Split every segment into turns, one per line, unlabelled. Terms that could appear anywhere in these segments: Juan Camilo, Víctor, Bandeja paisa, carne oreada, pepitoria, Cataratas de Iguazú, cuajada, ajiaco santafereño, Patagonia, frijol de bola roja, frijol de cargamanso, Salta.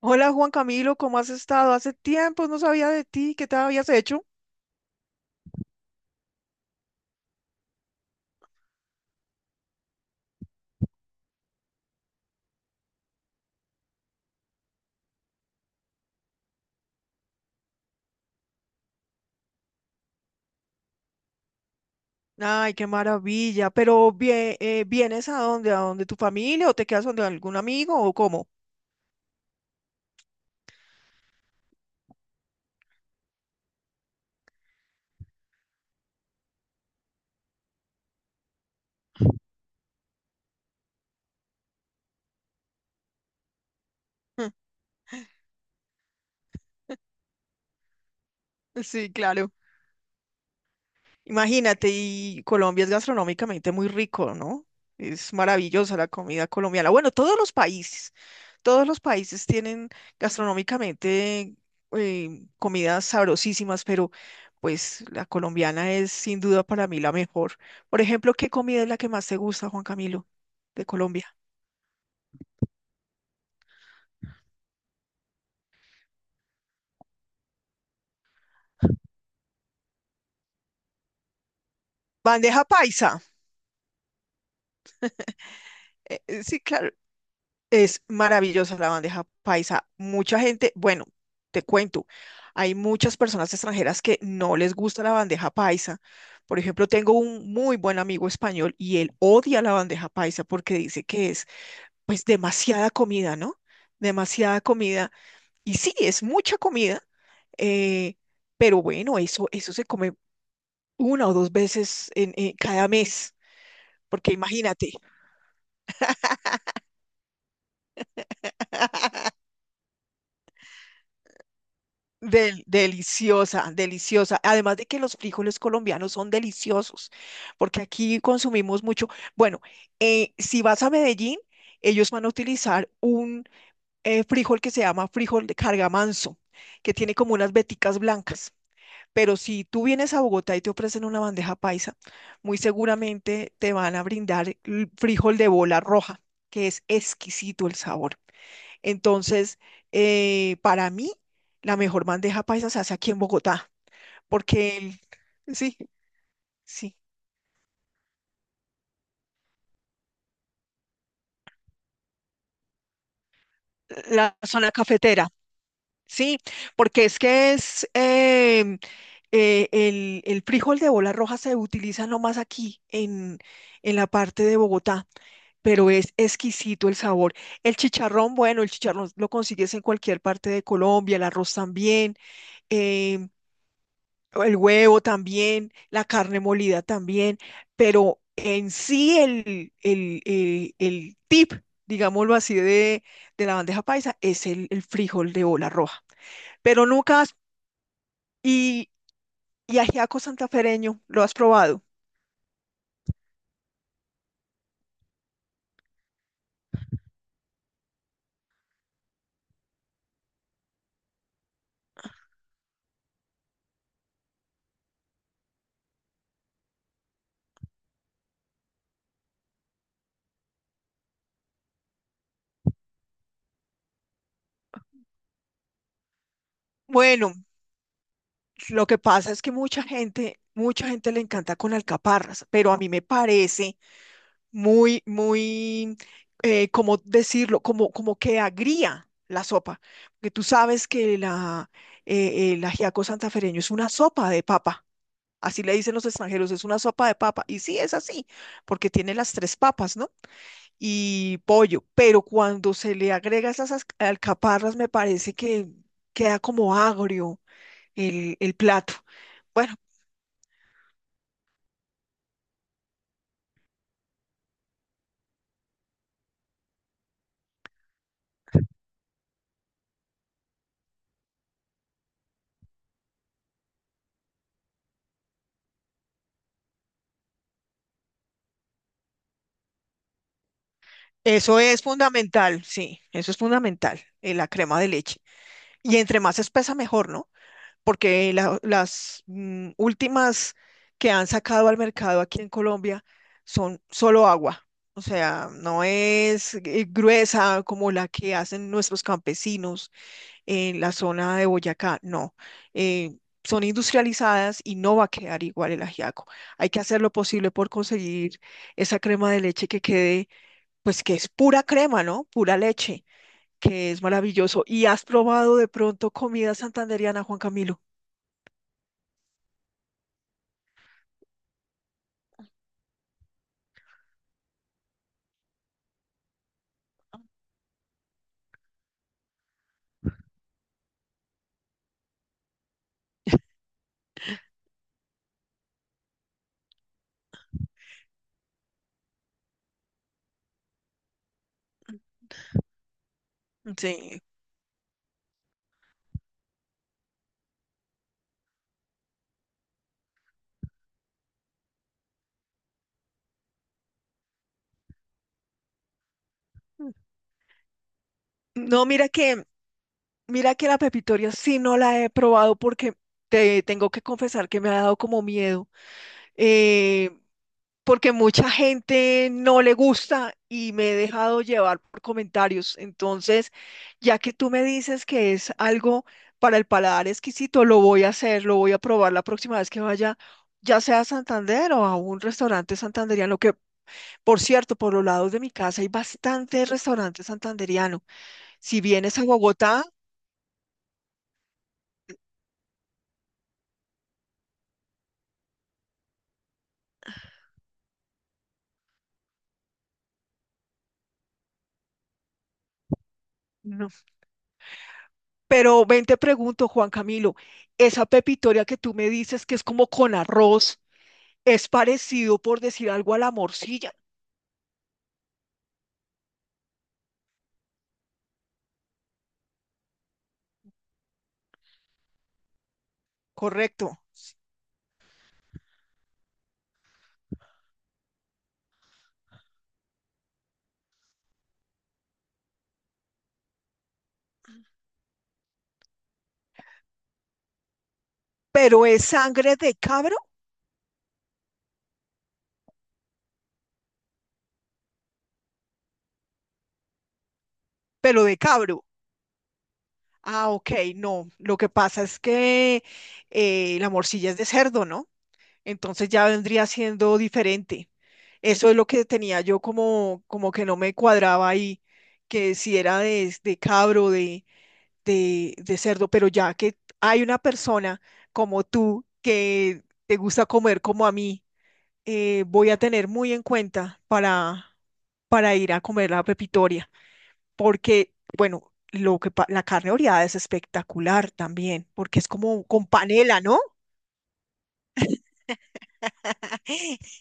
Hola Juan Camilo, ¿cómo has estado? Hace tiempo no sabía de ti, ¿qué te habías hecho? Ay, qué maravilla. Pero ¿vienes a dónde? ¿A dónde tu familia o te quedas donde algún amigo o cómo? Sí, claro. Imagínate, y Colombia es gastronómicamente muy rico, ¿no? Es maravillosa la comida colombiana. Bueno, todos los países tienen gastronómicamente comidas sabrosísimas, pero pues la colombiana es sin duda para mí la mejor. Por ejemplo, ¿qué comida es la que más te gusta, Juan Camilo, de Colombia? Bandeja paisa. Sí, claro, es maravillosa la bandeja paisa. Mucha gente, bueno, te cuento, hay muchas personas extranjeras que no les gusta la bandeja paisa. Por ejemplo, tengo un muy buen amigo español y él odia la bandeja paisa porque dice que es pues demasiada comida, ¿no? Demasiada comida. Y sí, es mucha comida, eh, pero bueno, eso se come una o dos veces en cada mes, porque imagínate. Deliciosa, deliciosa. Además de que los frijoles colombianos son deliciosos, porque aquí consumimos mucho. Bueno, si vas a Medellín, ellos van a utilizar un frijol que se llama frijol de cargamanso, que tiene como unas veticas blancas. Pero si tú vienes a Bogotá y te ofrecen una bandeja paisa, muy seguramente te van a brindar el frijol de bola roja, que es exquisito el sabor. Entonces, para mí, la mejor bandeja paisa se hace aquí en Bogotá, porque sí, sí, la zona cafetera, sí, porque es que es el frijol de bola roja se utiliza nomás aquí en la parte de Bogotá, pero es exquisito el sabor. El chicharrón, bueno, el chicharrón lo consigues en cualquier parte de Colombia, el arroz también. em, El huevo también, la carne molida también, pero en sí el tip, digámoslo así, de la bandeja paisa es el frijol de bola roja. Pero nunca has- y, y ajiaco santafereño, ¿lo has probado? Bueno, lo que pasa es que mucha gente le encanta con alcaparras, pero a mí me parece muy, muy, ¿cómo decirlo? Como que agría la sopa, porque tú sabes que el ajiaco santafereño es una sopa de papa, así le dicen los extranjeros, es una sopa de papa, y sí, es así, porque tiene las tres papas, ¿no? Y pollo, pero cuando se le agrega esas alcaparras, me parece que queda como agrio el plato. Bueno, eso es fundamental, sí, eso es fundamental, la crema de leche. Y entre más espesa, mejor, ¿no? Porque las últimas que han sacado al mercado aquí en Colombia son solo agua. O sea, no es gruesa como la que hacen nuestros campesinos en la zona de Boyacá, no. Eh, Son industrializadas y no va a quedar igual el ajiaco. Hay que hacer lo posible por conseguir esa crema de leche que quede, pues que es pura crema, ¿no? Pura leche que es maravilloso. ¿Y has probado de pronto comida santandereana, Juan Camilo? Sí. No, mira que la pepitoria sí no la he probado porque te tengo que confesar que me ha dado como miedo, eh, porque mucha gente no le gusta y me he dejado llevar por comentarios. Entonces, ya que tú me dices que es algo para el paladar exquisito, lo voy a hacer, lo voy a probar la próxima vez que vaya, ya sea a Santander o a un restaurante santandereano, que por cierto, por los lados de mi casa hay bastante restaurante santandereano. Si vienes a Bogotá, no. Pero ven, te pregunto, Juan Camilo, esa pepitoria que tú me dices que es como con arroz, es parecido, por decir algo, a la morcilla, correcto. Pero es sangre de cabro, pero de cabro. Ah, ok, no. Lo que pasa es que la morcilla es de cerdo, ¿no? Entonces ya vendría siendo diferente. Eso es lo que tenía yo como que no me cuadraba ahí, que si era de cabro, de cerdo, pero ya que hay una persona como tú que te gusta comer como a mí, voy a tener muy en cuenta para ir a comer la pepitoria, porque, bueno, la carne oreada es espectacular también, porque es como con panela, ¿no?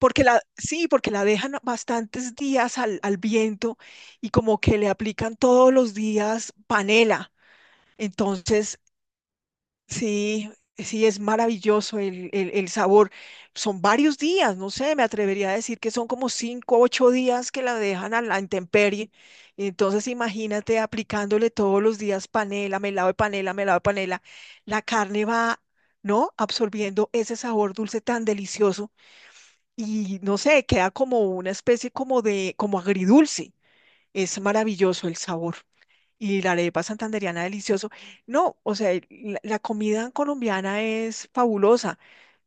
Sí, porque la dejan bastantes días al viento y como que le aplican todos los días panela. Entonces, sí, sí, es maravilloso el sabor. Son varios días, no sé, me atrevería a decir que son como 5 u 8 días que la dejan a la intemperie. Entonces, imagínate aplicándole todos los días panela, melado de panela, melado de panela. La carne va, ¿no? Absorbiendo ese sabor dulce tan delicioso y no sé, queda como una especie como agridulce. Es maravilloso el sabor. Y la arepa santandereana delicioso. No, o sea, la comida colombiana es fabulosa.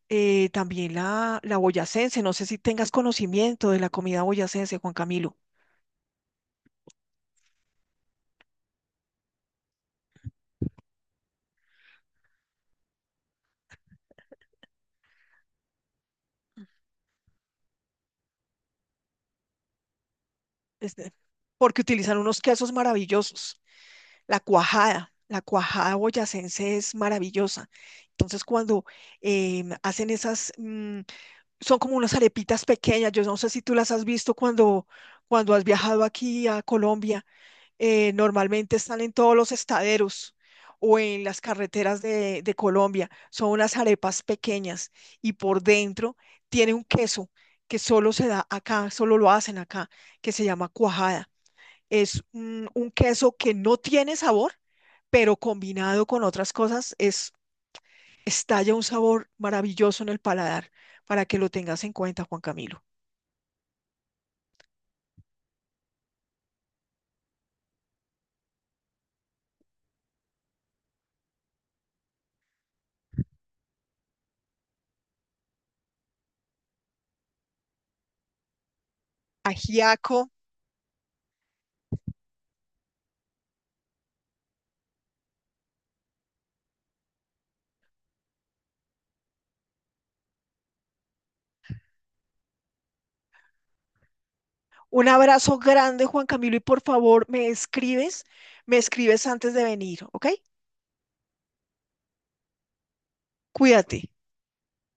También la boyacense, no sé si tengas conocimiento de la comida boyacense, Juan Camilo. Este, Porque utilizan unos quesos maravillosos. La cuajada boyacense es maravillosa. Entonces, cuando hacen esas son como unas arepitas pequeñas. Yo no sé si tú las has visto cuando has viajado aquí a Colombia. Normalmente están en todos los estaderos o en las carreteras de Colombia. Son unas arepas pequeñas y por dentro tiene un queso que solo se da acá, solo lo hacen acá, que se llama cuajada. Es un queso que no tiene sabor, pero combinado con otras cosas es estalla un sabor maravilloso en el paladar para que lo tengas en cuenta, Juan Camilo. Ajiaco. Un abrazo grande, Juan Camilo, y por favor, me escribes antes de venir, ¿ok? Cuídate.